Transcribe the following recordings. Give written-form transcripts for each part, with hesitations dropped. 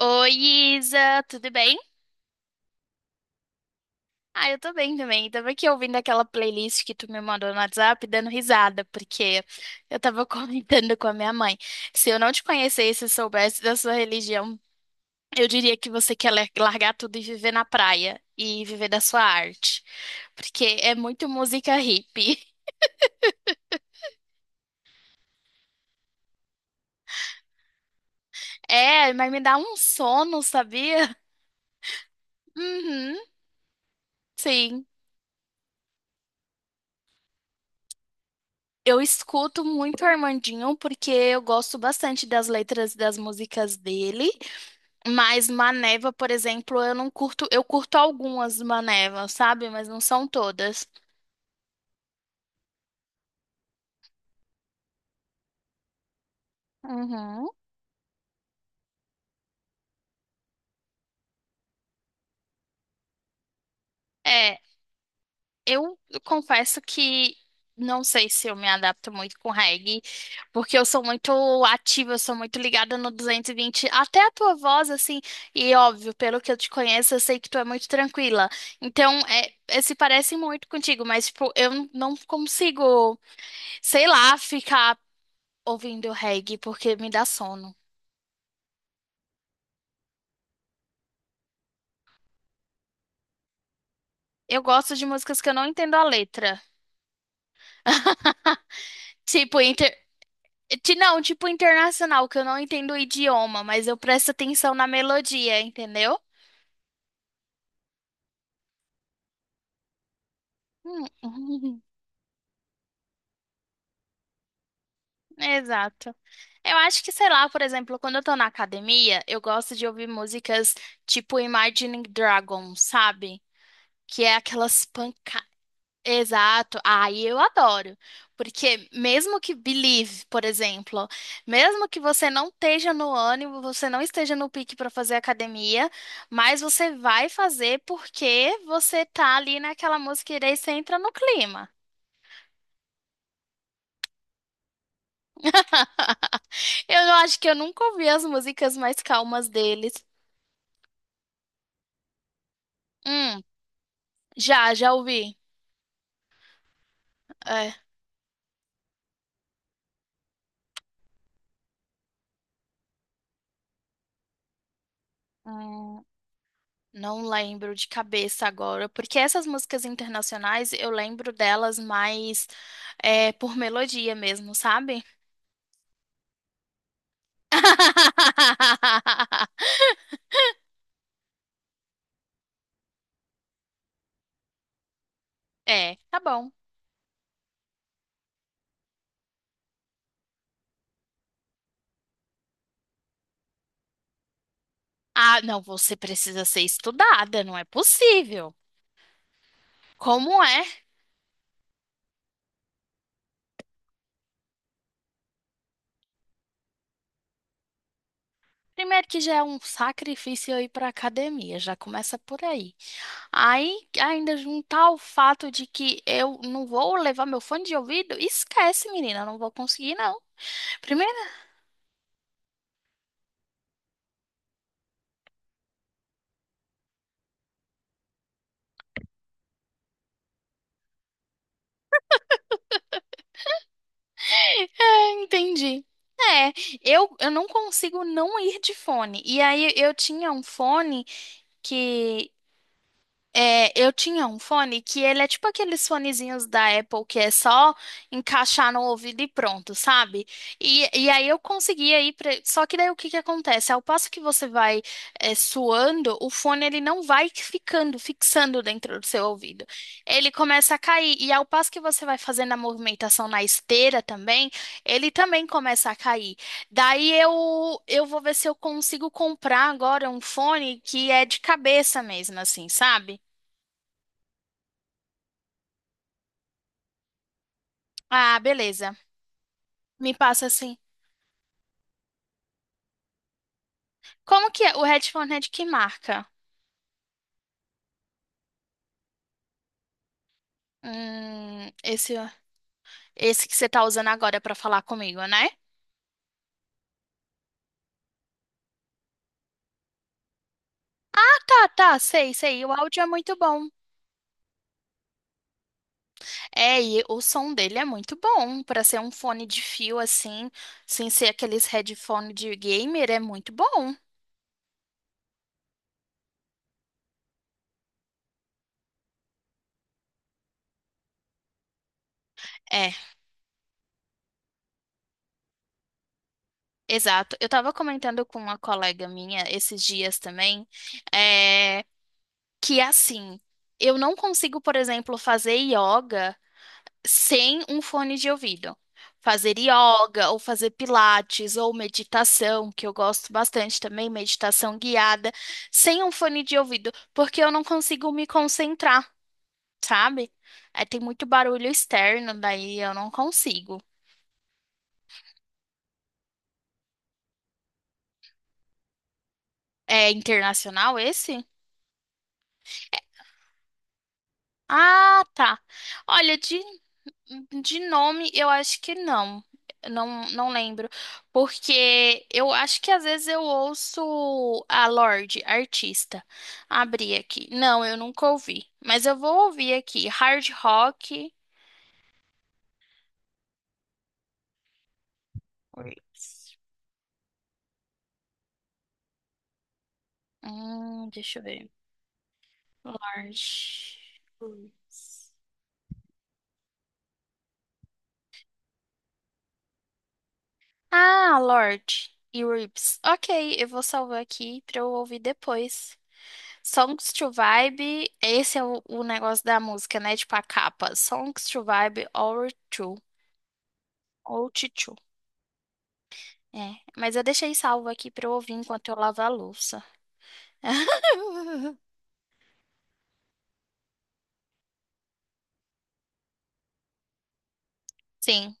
Oi, Isa, tudo bem? Ah, eu tô bem também. Tava aqui ouvindo aquela playlist que tu me mandou no WhatsApp, dando risada, porque eu tava comentando com a minha mãe. Se eu não te conhecesse e soubesse da sua religião, eu diria que você quer largar tudo e viver na praia e viver da sua arte, porque é muito música hippie. É, mas me dá um sono, sabia? Uhum, sim. Eu escuto muito o Armandinho porque eu gosto bastante das letras das músicas dele. Mas Maneva, por exemplo, eu não curto, eu curto algumas Manevas, sabe? Mas não são todas. Uhum. É, eu confesso que não sei se eu me adapto muito com reggae, porque eu sou muito ativa, eu sou muito ligada no 220, até a tua voz, assim, e óbvio, pelo que eu te conheço, eu sei que tu é muito tranquila. Então, se parece muito contigo, mas, tipo, eu não consigo, sei lá, ficar ouvindo reggae, porque me dá sono. Eu gosto de músicas que eu não entendo a letra. Tipo, inter... não, tipo internacional, que eu não entendo o idioma, mas eu presto atenção na melodia, entendeu? Hum. Exato. Eu acho que, sei lá, por exemplo, quando eu tô na academia, eu gosto de ouvir músicas tipo Imagine Dragons, sabe? Que é aquelas pancadas. Exato, aí eu adoro, porque mesmo que Believe, por exemplo, mesmo que você não esteja no ânimo, você não esteja no pique para fazer academia, mas você vai fazer porque você tá ali naquela música e daí você entra no clima. Eu acho que eu nunca ouvi as músicas mais calmas deles. Hum, já ouvi. É. Não lembro de cabeça agora, porque essas músicas internacionais eu lembro delas mais por melodia mesmo, sabe? É, tá bom. Ah, não, você precisa ser estudada, não é possível. Como é? Primeiro que já é um sacrifício eu ir para academia, já começa por aí. Aí ainda juntar o fato de que eu não vou levar meu fone de ouvido, esquece, menina, não vou conseguir não. Ah, entendi. É, eu não consigo não ir de fone. E aí eu tinha um fone que eu tinha um fone que ele é tipo aqueles fonezinhos da Apple que é só encaixar no ouvido e pronto, sabe? E, aí eu conseguia ir pra... Só que daí o que que acontece? Ao passo que você vai suando, o fone ele não vai ficando, fixando dentro do seu ouvido. Ele começa a cair. E ao passo que você vai fazendo a movimentação na esteira também, ele também começa a cair. Daí eu vou ver se eu consigo comprar agora um fone que é de cabeça mesmo, assim, sabe? Ah, beleza. Me passa assim. Como que é? O headphone é de que marca? Hum, esse, Esse que você tá usando agora pra falar comigo, né? Ah, tá, tá, sei, sei. O áudio é muito bom. É, e o som dele é muito bom pra ser um fone de fio assim, sem ser aqueles headphone de gamer, é muito bom. É, exato. Eu tava comentando com uma colega minha esses dias também, é, que assim, eu não consigo, por exemplo, fazer yoga sem um fone de ouvido. Fazer yoga, ou fazer pilates, ou meditação, que eu gosto bastante também, meditação guiada, sem um fone de ouvido, porque eu não consigo me concentrar, sabe? É, tem muito barulho externo, daí eu não consigo. É internacional esse? Ah, tá. Olha, de nome, eu acho que não. Eu não, não lembro. Porque eu acho que às vezes eu ouço a Lorde, artista. Abrir aqui. Não, eu nunca ouvi. Mas eu vou ouvir aqui. Hard Rock. Roots. Deixa eu ver. Lorde. Roots. Ah, Lorde e Roots. Ok, eu vou salvar aqui pra eu ouvir depois. Songs to Vibe, esse é o negócio da música, né? Tipo a capa. Songs to Vibe or to. Ou to. É. Mas eu deixei salvo aqui pra eu ouvir enquanto eu lavo a louça. Sim,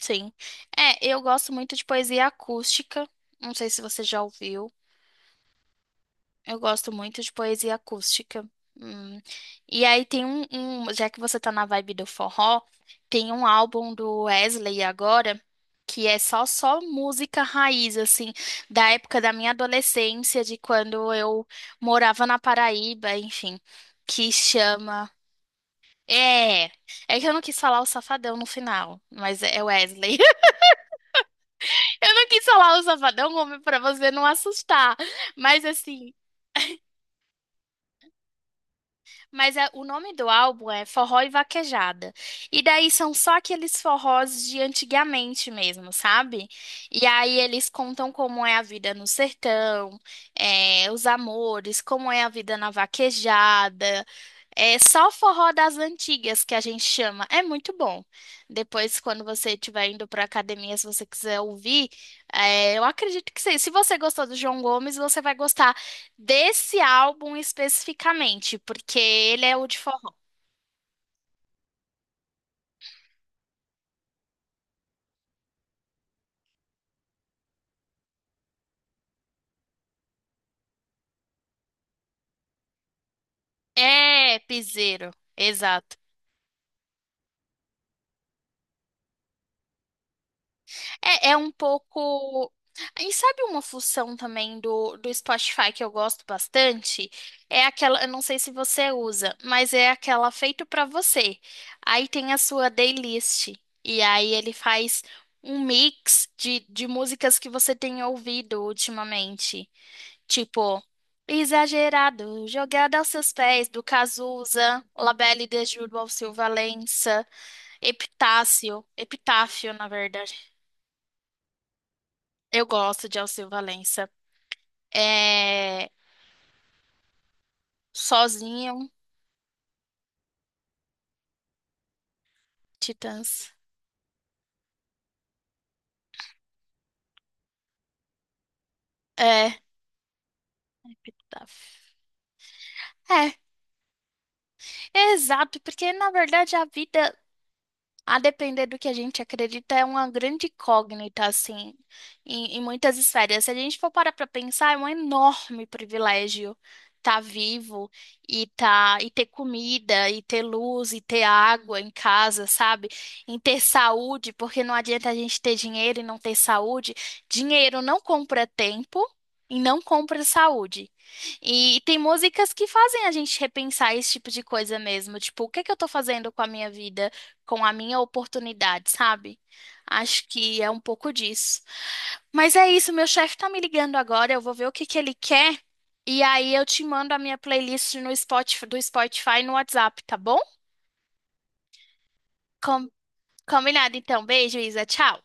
sim. É, eu gosto muito de poesia acústica. Não sei se você já ouviu. Eu gosto muito de poesia acústica. Hum. E aí tem um, já que você tá na vibe do forró, tem um álbum do Wesley agora que é só música raiz assim, da época da minha adolescência, de quando eu morava na Paraíba, enfim, que chama... É, é que eu não quis falar o Safadão no final, mas é Wesley. Eu não quis falar o Safadão, homem, pra você não assustar. Mas assim, mas é- o nome do álbum é Forró e Vaquejada. E daí são só aqueles forrós de antigamente mesmo, sabe? E aí eles contam como é a vida no sertão, os amores, como é a vida na vaquejada. É só forró das antigas que a gente chama. É muito bom. Depois, quando você estiver indo para academia, se você quiser ouvir, é, eu acredito que sim. Se você gostou do João Gomes, você vai gostar desse álbum especificamente, porque ele é o de forró. É, piseiro, exato. É, é um pouco. E sabe uma função também do Spotify que eu gosto bastante? É aquela, eu não sei se você usa, mas é aquela feito pra você. Aí tem a sua playlist. E aí ele faz um mix de músicas que você tem ouvido ultimamente. Tipo, exagerado, jogada aos seus pés, do Cazuza, Labelle de Júlio Alceu Valença, Epitáfio, na verdade. Eu gosto de Alceu Valença. É, Sozinho, Titãs. É, Epitáfio. É, é exato, porque na verdade a vida... A depender do que a gente acredita, é uma grande incógnita, assim, em muitas esferas. Se a gente for parar para pensar, é um enorme privilégio estar vivo e ter comida, e ter luz, e ter água em casa, sabe? Em ter saúde, porque não adianta a gente ter dinheiro e não ter saúde. Dinheiro não compra tempo e não compra saúde. E tem músicas que fazem a gente repensar esse tipo de coisa mesmo. Tipo, o que é que eu tô fazendo com a minha vida? Com a minha oportunidade, sabe? Acho que é um pouco disso. Mas é isso, meu chefe tá me ligando agora, eu vou ver o que que ele quer e aí eu te mando a minha playlist no Spotify, do Spotify no WhatsApp, tá bom? Com- Combinado então. Beijo, Isa. Tchau.